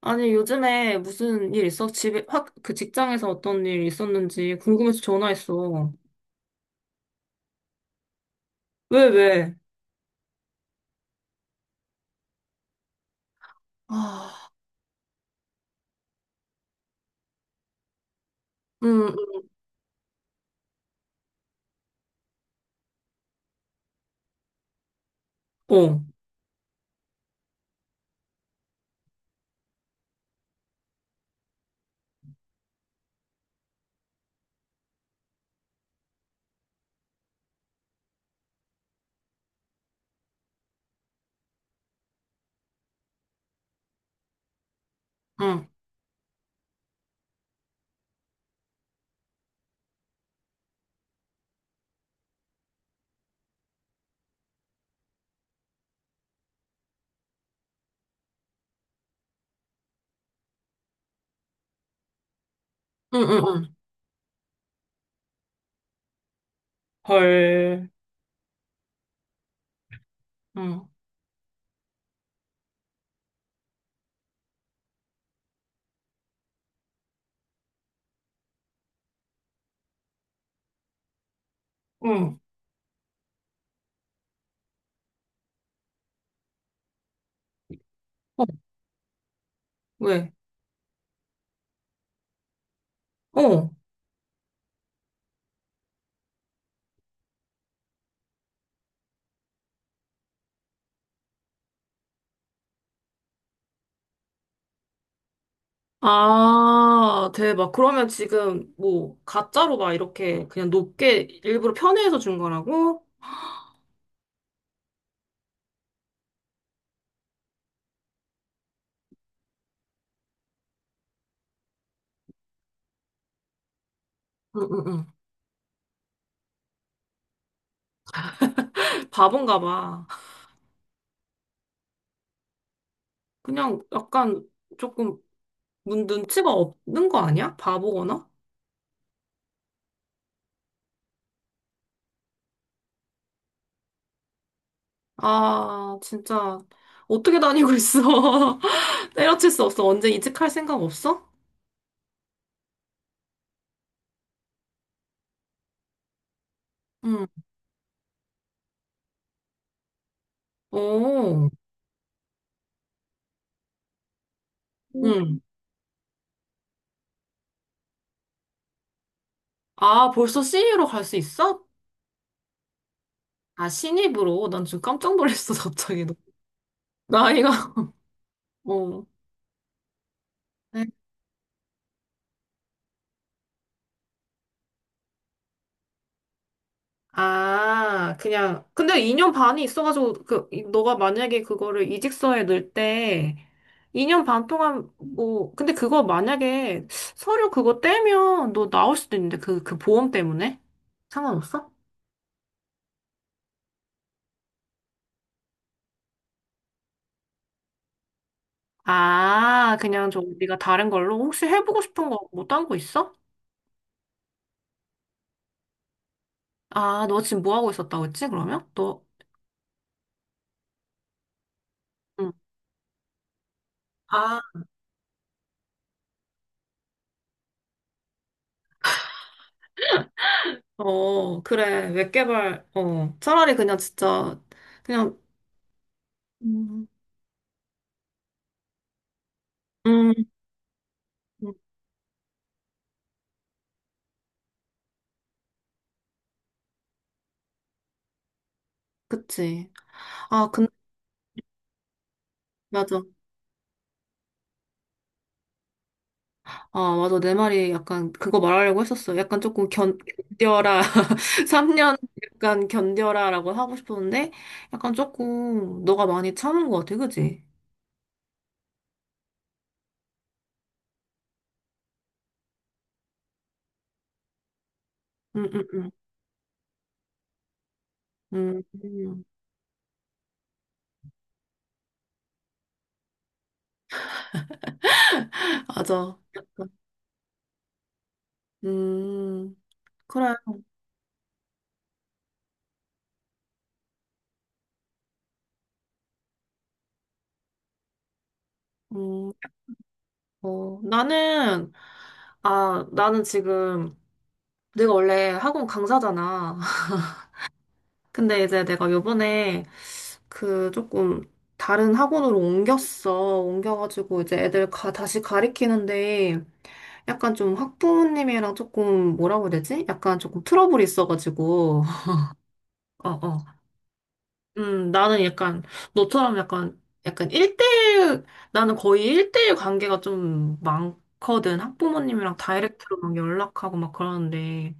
아니, 요즘에 무슨 일 있어? 집에, 확, 그 직장에서 어떤 일 있었는지 궁금해서 전화했어. 왜, 왜? 아, 응, 응, 어, 응, 응, 응, 응, 헐, 응. 응. 어, 왜? 어, 아, 대박. 그러면 지금 뭐 가짜로 막 이렇게 그냥 높게 일부러 편의해서 준 거라고? 응, 응, 응. 바본가 봐. 그냥 약간 조금 문 눈치가 없는 거 아니야? 바보거나? 아, 진짜. 어떻게 다니고 있어? 때려칠 수 없어. 언제 이직할 생각 없어? 응. 오, 응. 아, 벌써 신입로갈 수 있어? 아, 신입으로? 난 지금 깜짝 놀랐어, 갑자기. 너. 나이가, 어. 네. 아, 그냥. 근데 2년 반이 있어가지고, 그, 너가 만약에 그거를 이직서에 넣을 때, 2년 반 동안, 뭐, 근데 그거 만약에 서류 그거 떼면 너 나올 수도 있는데, 그 보험 때문에? 상관없어? 아, 그냥 좀 네가 다른 걸로 혹시 해보고 싶은 거 뭐 딴 거 있어? 아, 너 지금 뭐 하고 있었다고 했지, 그러면? 너, 응. 아, 어, 그래. 웹 개발, 어. 차라리 그냥 진짜, 그냥, 음, 음, 음, 그치. 아, 근데, 맞아. 아, 맞아. 내 말이 약간 그거 말하려고 했었어. 약간 조금 견뎌라. 3년 약간 견뎌라 라고 하고 싶었는데, 약간 조금 너가 많이 참은 것 같아. 그치? 응, 응, 응. 음, 음. 맞아. 약간. 음, 그래. 음, 어, 나는, 아, 나는 지금, 내가 원래 학원 강사잖아. 근데 이제 내가 요번에 그 조금 다른 학원으로 옮겼어. 옮겨가지고 이제 애들 다시 가리키는데 약간 좀 학부모님이랑 조금 뭐라고 해야 되지? 약간 조금 트러블이 있어가지고. 어어. 나는 약간, 너처럼 약간, 약간 1대1, 나는 거의 1대1 관계가 좀 많거든. 학부모님이랑 다이렉트로 막 연락하고 막 그러는데,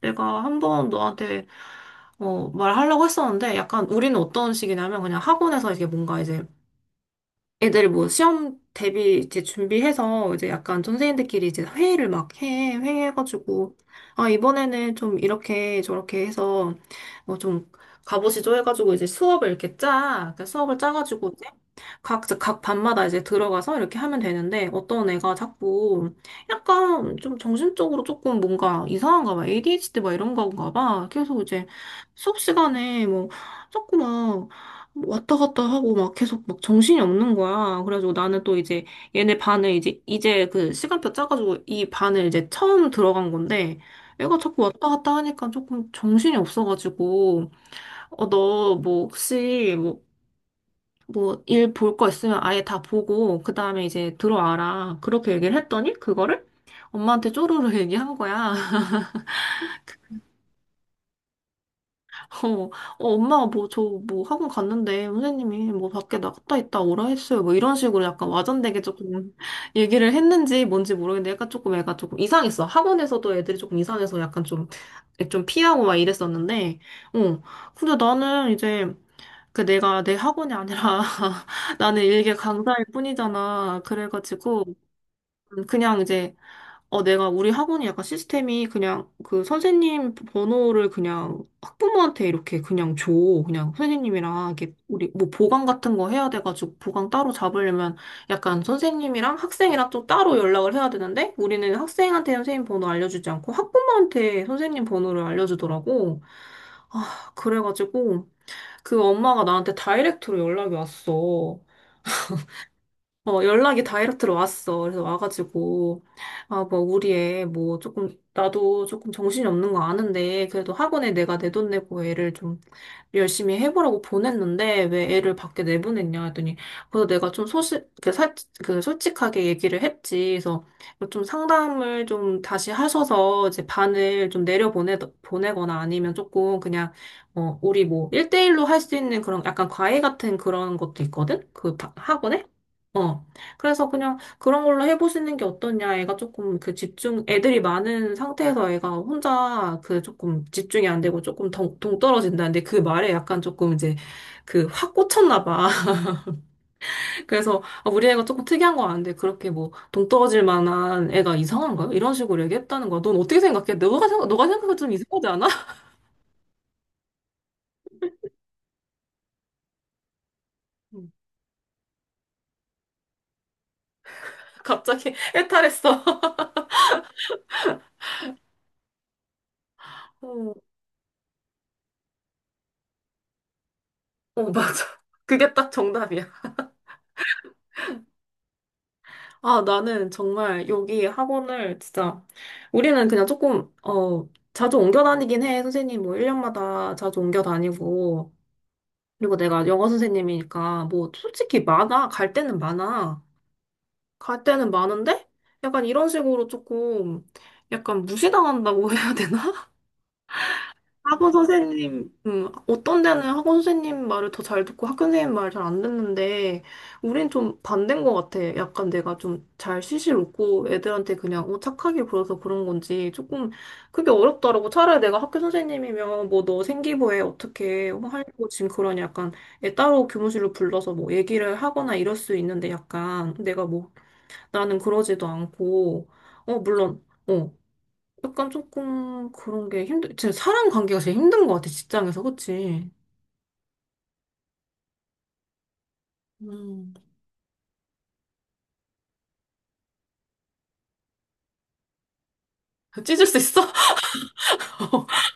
내가 한번 너한테, 어, 말하려고 했었는데, 약간 우리는 어떤 식이냐면, 그냥 학원에서 이게 뭔가 이제 애들 뭐 시험 대비 이제 준비해서 이제 약간 선생님들끼리 이제 회의를 막 회의해가지고, 아, 이번에는 좀 이렇게 저렇게 해서 뭐 좀 가보시죠 해가지고 이제 수업을 이렇게 짜. 그러니까 수업을 짜가지고 이제 각 반마다 이제 들어가서 이렇게 하면 되는데 어떤 애가 자꾸 약간 좀 정신적으로 조금 뭔가 이상한가 봐. ADHD 막 이런 건가 봐. 계속 이제 수업 시간에 뭐 자꾸 막 뭐 왔다 갔다 하고 막 계속 막 정신이 없는 거야. 그래가지고 나는 또 이제 얘네 반을 이제 그 시간표 짜가지고 이 반을 이제 처음 들어간 건데 애가 자꾸 왔다 갔다 하니까 조금 정신이 없어가지고 어, 너 뭐 혹시 뭐 일 볼 거 있으면 아예 다 보고 그 다음에 이제 들어와라. 그렇게 얘기를 했더니 그거를 엄마한테 쪼르르 얘기한 거야. 어, 어, 엄마가 뭐, 저, 뭐, 학원 갔는데, 선생님이 뭐, 밖에 나갔다 있다 오라 했어요. 뭐, 이런 식으로 약간 와전되게 조금 얘기를 했는지 뭔지 모르겠는데, 약간 조금 애가 조금 이상했어. 학원에서도 애들이 조금 이상해서 약간 좀 피하고 막 이랬었는데, 어. 근데 나는 이제, 그 내가 내 학원이 아니라, 나는 일개 강사일 뿐이잖아. 그래가지고, 그냥 이제, 어, 내가 우리 학원이 약간 시스템이 그냥 그 선생님 번호를 그냥 학부모한테 이렇게 그냥 줘. 그냥 선생님이랑 이렇게 우리 뭐 보강 같은 거 해야 돼가지고 보강 따로 잡으려면 약간 선생님이랑 학생이랑 또 따로 연락을 해야 되는데 우리는 학생한테 선생님 번호 알려주지 않고 학부모한테 선생님 번호를 알려주더라고. 아, 그래가지고 그 엄마가 나한테 다이렉트로 연락이 왔어. 어, 연락이 다이렉트로 왔어. 그래서 와가지고, 아, 뭐, 우리 애, 뭐, 조금, 나도 조금 정신이 없는 거 아는데, 그래도 학원에 내가 내 돈 내고 애를 좀 열심히 해보라고 보냈는데, 왜 애를 밖에 내보냈냐 했더니, 그래서 내가 좀 그, 솔직하게 얘기를 했지. 그래서 좀 상담을 좀 다시 하셔서, 이제 반을 좀 보내거나 아니면 조금 그냥, 어, 우리 뭐, 일대일로 할 수 있는 그런 약간 과외 같은 그런 것도 있거든? 그 학원에? 어. 그래서 그냥 그런 걸로 해보시는 게 어떠냐. 애가 조금 그 집중, 애들이 많은 상태에서 애가 혼자 그 조금 집중이 안 되고 조금 동, 동떨어진다는데 그 말에 약간 조금 이제 그 확 꽂혔나 봐. 그래서 아, 우리 애가 조금 특이한 거 아는데 그렇게 뭐 동떨어질 만한 애가 이상한가요? 이런 식으로 얘기했다는 거야. 넌 어떻게 생각해? 너가 생각해도 좀 이상하지 않아? 음. 갑자기 해탈했어. 어, 어, 맞아. 그게 딱 정답이야. 아, 나는 정말 여기 학원을 진짜, 우리는 그냥 조금, 어, 자주 옮겨 다니긴 해. 선생님 뭐 1년마다 자주 옮겨 다니고. 그리고 내가 영어 선생님이니까 뭐 솔직히 많아. 갈 때는 많아. 갈 때는 많은데? 약간 이런 식으로 조금, 약간 무시당한다고 해야 되나? 학원 선생님, 어떤 데는 학원 선생님 말을 더 잘 듣고 학교 선생님 말을 잘 안 듣는데, 우린 좀 반대인 것 같아. 약간 내가 좀 잘 실실 웃고 애들한테 그냥 어, 착하게 굴어서 그런 건지 조금 그게 어렵더라고. 차라리 내가 학교 선생님이면 뭐 너 생기부에 어떻게 하려고 지금 그러냐. 약간 애 따로 교무실로 불러서 뭐 얘기를 하거나 이럴 수 있는데 약간 내가 뭐 나는 그러지도 않고, 어, 물론. 어, 약간 조금 그런 게 진짜 사람 관계가 제일 힘든 것 같아, 직장에서, 그치? 음, 찢을 수 있어?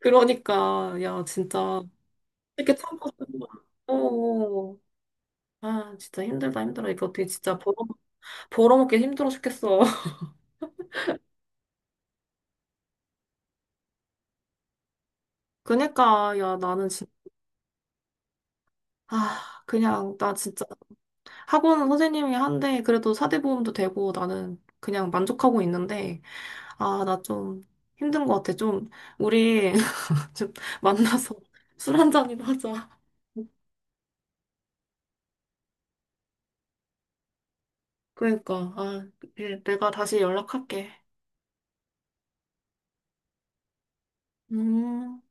그러니까, 야, 진짜, 이렇게 참고, 어, 어. 아, 진짜 힘들다, 힘들어. 이거 어떻게 진짜 벌어먹기 힘들어 죽겠어. 그니까, 야, 나는 진짜, 아, 그냥, 나 진짜, 학원 선생님이 한데, 그래도 사대보험도 되고, 나는 그냥 만족하고 있는데, 아, 나 좀 힘든 것 같아. 좀, 우리, 즉, 만나서 술 한 잔이나 하자. 그러니까, 아, 예, 내가 다시 연락할게. 음.